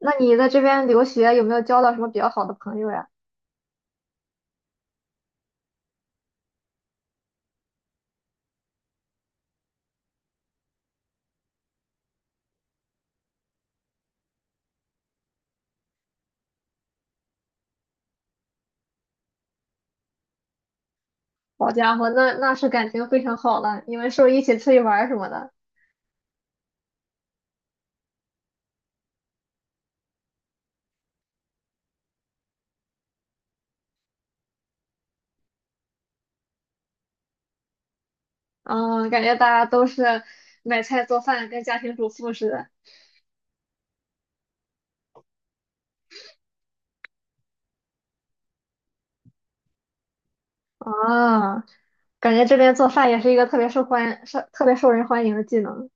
那你在这边留学有没有交到什么比较好的朋友呀？好家伙，那是感情非常好了，你们是不是一起出去玩儿什么的？嗯，感觉大家都是买菜做饭，跟家庭主妇似的。啊，感觉这边做饭也是一个特别受人欢迎的技能，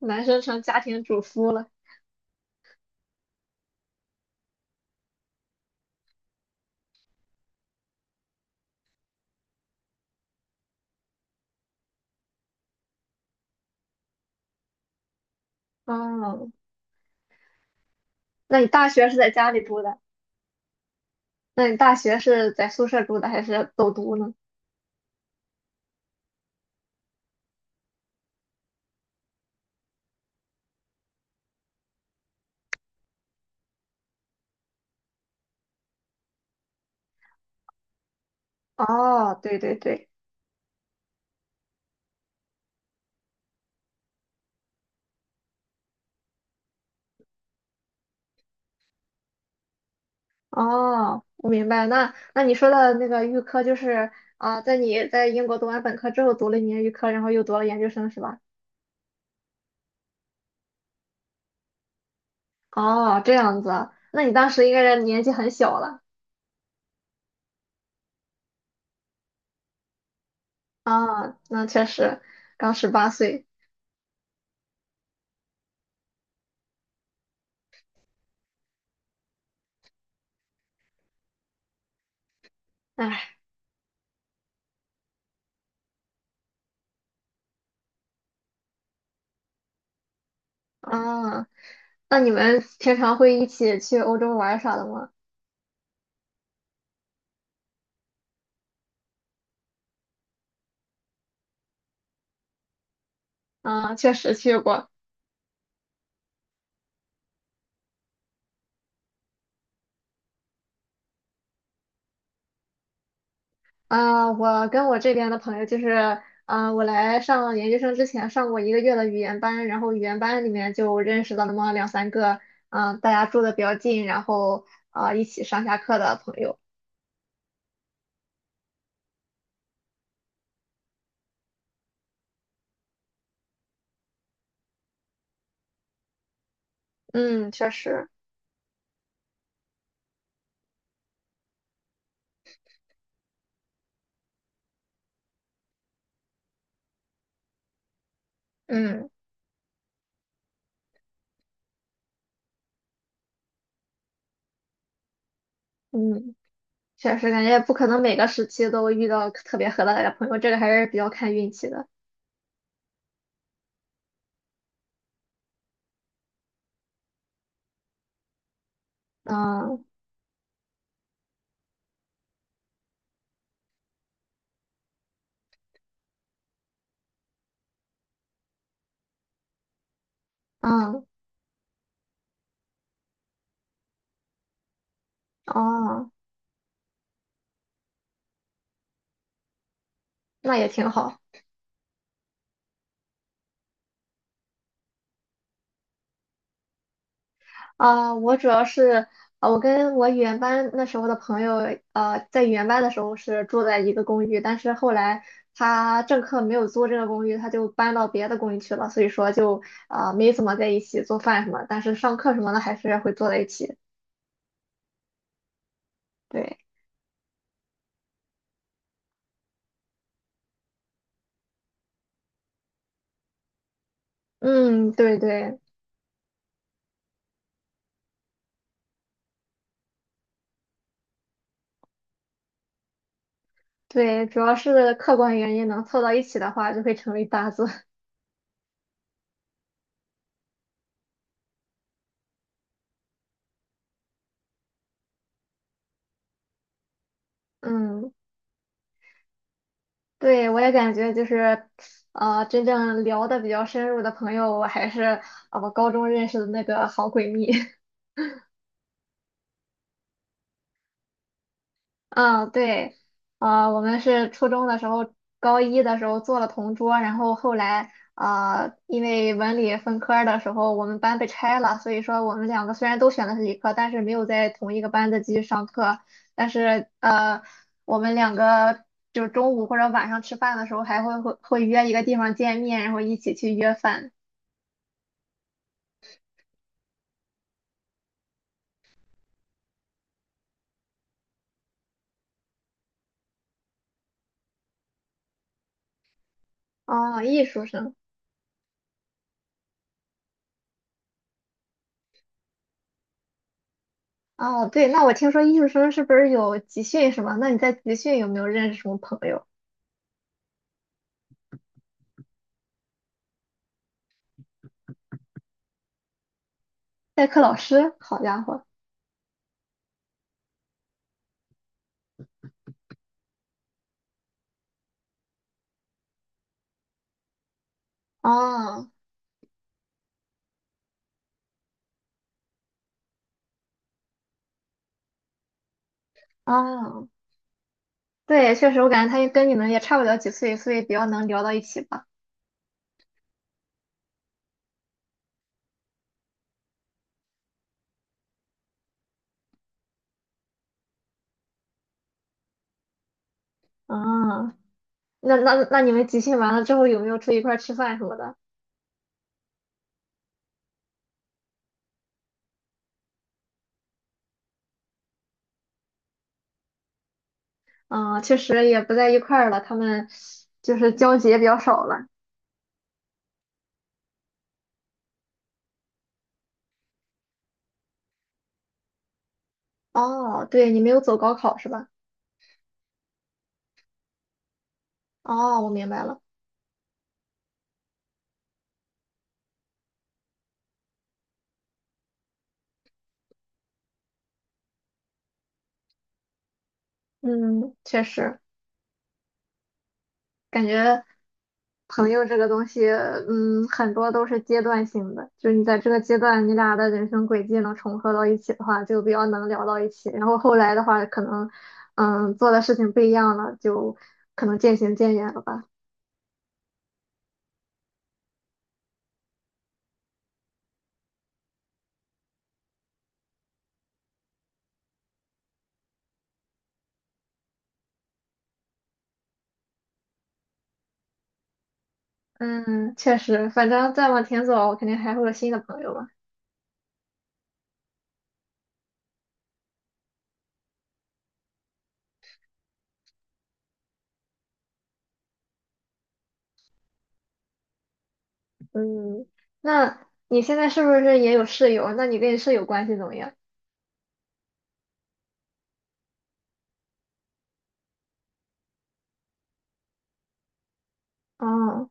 男生成家庭主夫了。哦，那你大学是在家里住的？那你大学是在宿舍住的还是走读呢？哦，对对对。哦，我明白。那你说的那个预科就是啊，你在英国读完本科之后读了一年预科，然后又读了研究生是吧？哦，这样子啊。那你当时应该是年纪很小了啊，那确实刚18岁。唉，啊，那你们平常会一起去欧洲玩儿啥的吗？啊，确实去过。啊，我跟我这边的朋友就是，啊，我来上研究生之前上过一个月的语言班，然后语言班里面就认识了那么两三个，嗯、大家住的比较近，然后啊、一起上下课的朋友。嗯，确实，嗯嗯，确实感觉不可能每个时期都遇到特别合得来的朋友，这个还是比较看运气的。嗯嗯哦，那也挺好。啊、我主要是我跟我语言班那时候的朋友，在语言班的时候是住在一个公寓，但是后来他正课没有租这个公寓，他就搬到别的公寓去了，所以说就没怎么在一起做饭什么，但是上课什么的还是会坐在一起。对，嗯，对对对，主要是客观原因能凑到一起的话，就会成为搭子。嗯。对，我也感觉就是，真正聊的比较深入的朋友，我还是高中认识的那个好闺蜜。嗯，对，我们是初中的时候，高一的时候做了同桌，然后后来因为文理分科儿的时候，我们班被拆了，所以说我们两个虽然都选的是理科，但是没有在同一个班子继续上课，但是我们两个。就是中午或者晚上吃饭的时候，还会约一个地方见面，然后一起去约饭。哦，艺术生。哦，对，那我听说艺术生是不是有集训什么？那你在集训有没有认识什么朋友？代课老师？好家伙！哦哦，对，确实，我感觉他跟你们也差不了几岁，所以比较能聊到一起吧。嗯，那你们集训完了之后有没有出去一块儿吃饭什么的？嗯，确实也不在一块儿了，他们就是交集也比较少了。哦，对，你没有走高考是吧？哦，我明白了。嗯，确实。感觉朋友这个东西，嗯，很多都是阶段性的，就是你在这个阶段，你俩的人生轨迹能重合到一起的话，就比较能聊到一起。然后后来的话，可能，嗯，做的事情不一样了，就可能渐行渐远了吧。嗯，确实，反正再往前走，肯定还会有新的朋友嘛。嗯，那你现在是不是也有室友？那你跟你室友关系怎么样？哦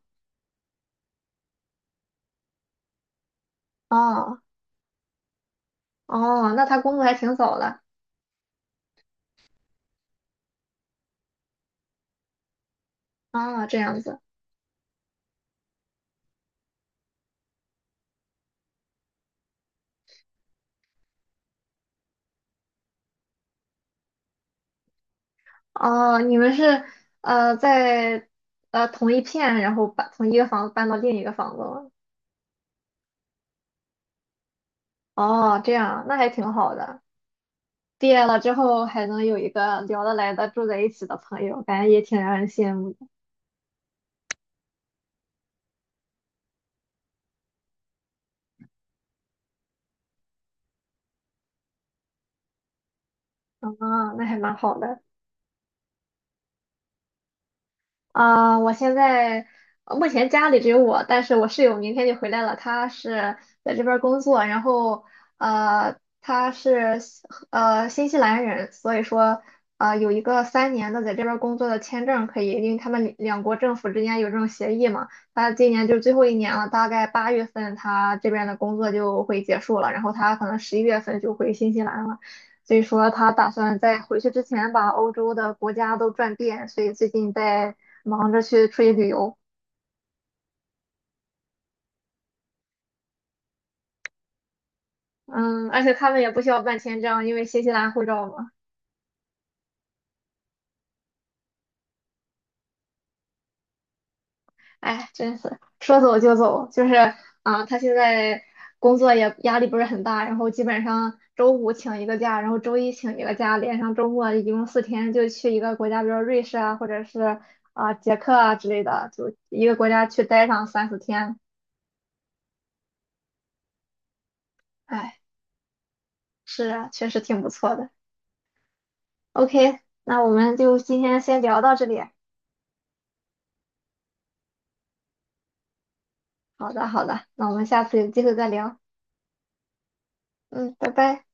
哦哦，那他工作还挺早的。啊，这样子。哦，你们是在同一片，然后把从一个房子搬到另一个房子吗？哦，这样啊，那还挺好的。毕业了之后还能有一个聊得来的住在一起的朋友，感觉也挺让人羡慕的啊，那还蛮好的。啊、我现在目前家里只有我，但是我室友明天就回来了，他是在这边儿工作，然后呃，他是新西兰人，所以说有一个3年的在这边儿工作的签证可以，因为他们两国政府之间有这种协议嘛。他今年就是最后一年了，大概8月份他这边的工作就会结束了，然后他可能11月份就回新西兰了。所以说他打算在回去之前把欧洲的国家都转遍，所以最近在忙着去出去旅游。嗯，而且他们也不需要办签证，因为新西兰护照嘛。哎，真是说走就走，就是他现在工作也压力不是很大，然后基本上周五请一个假，然后周一请一个假，连上周末一共四天就去一个国家，比如瑞士啊，或者是啊、捷克啊之类的，就一个国家去待上三四天。哎，是啊，确实挺不错的。OK，那我们就今天先聊到这里。好的，好的，那我们下次有机会再聊。嗯，拜拜。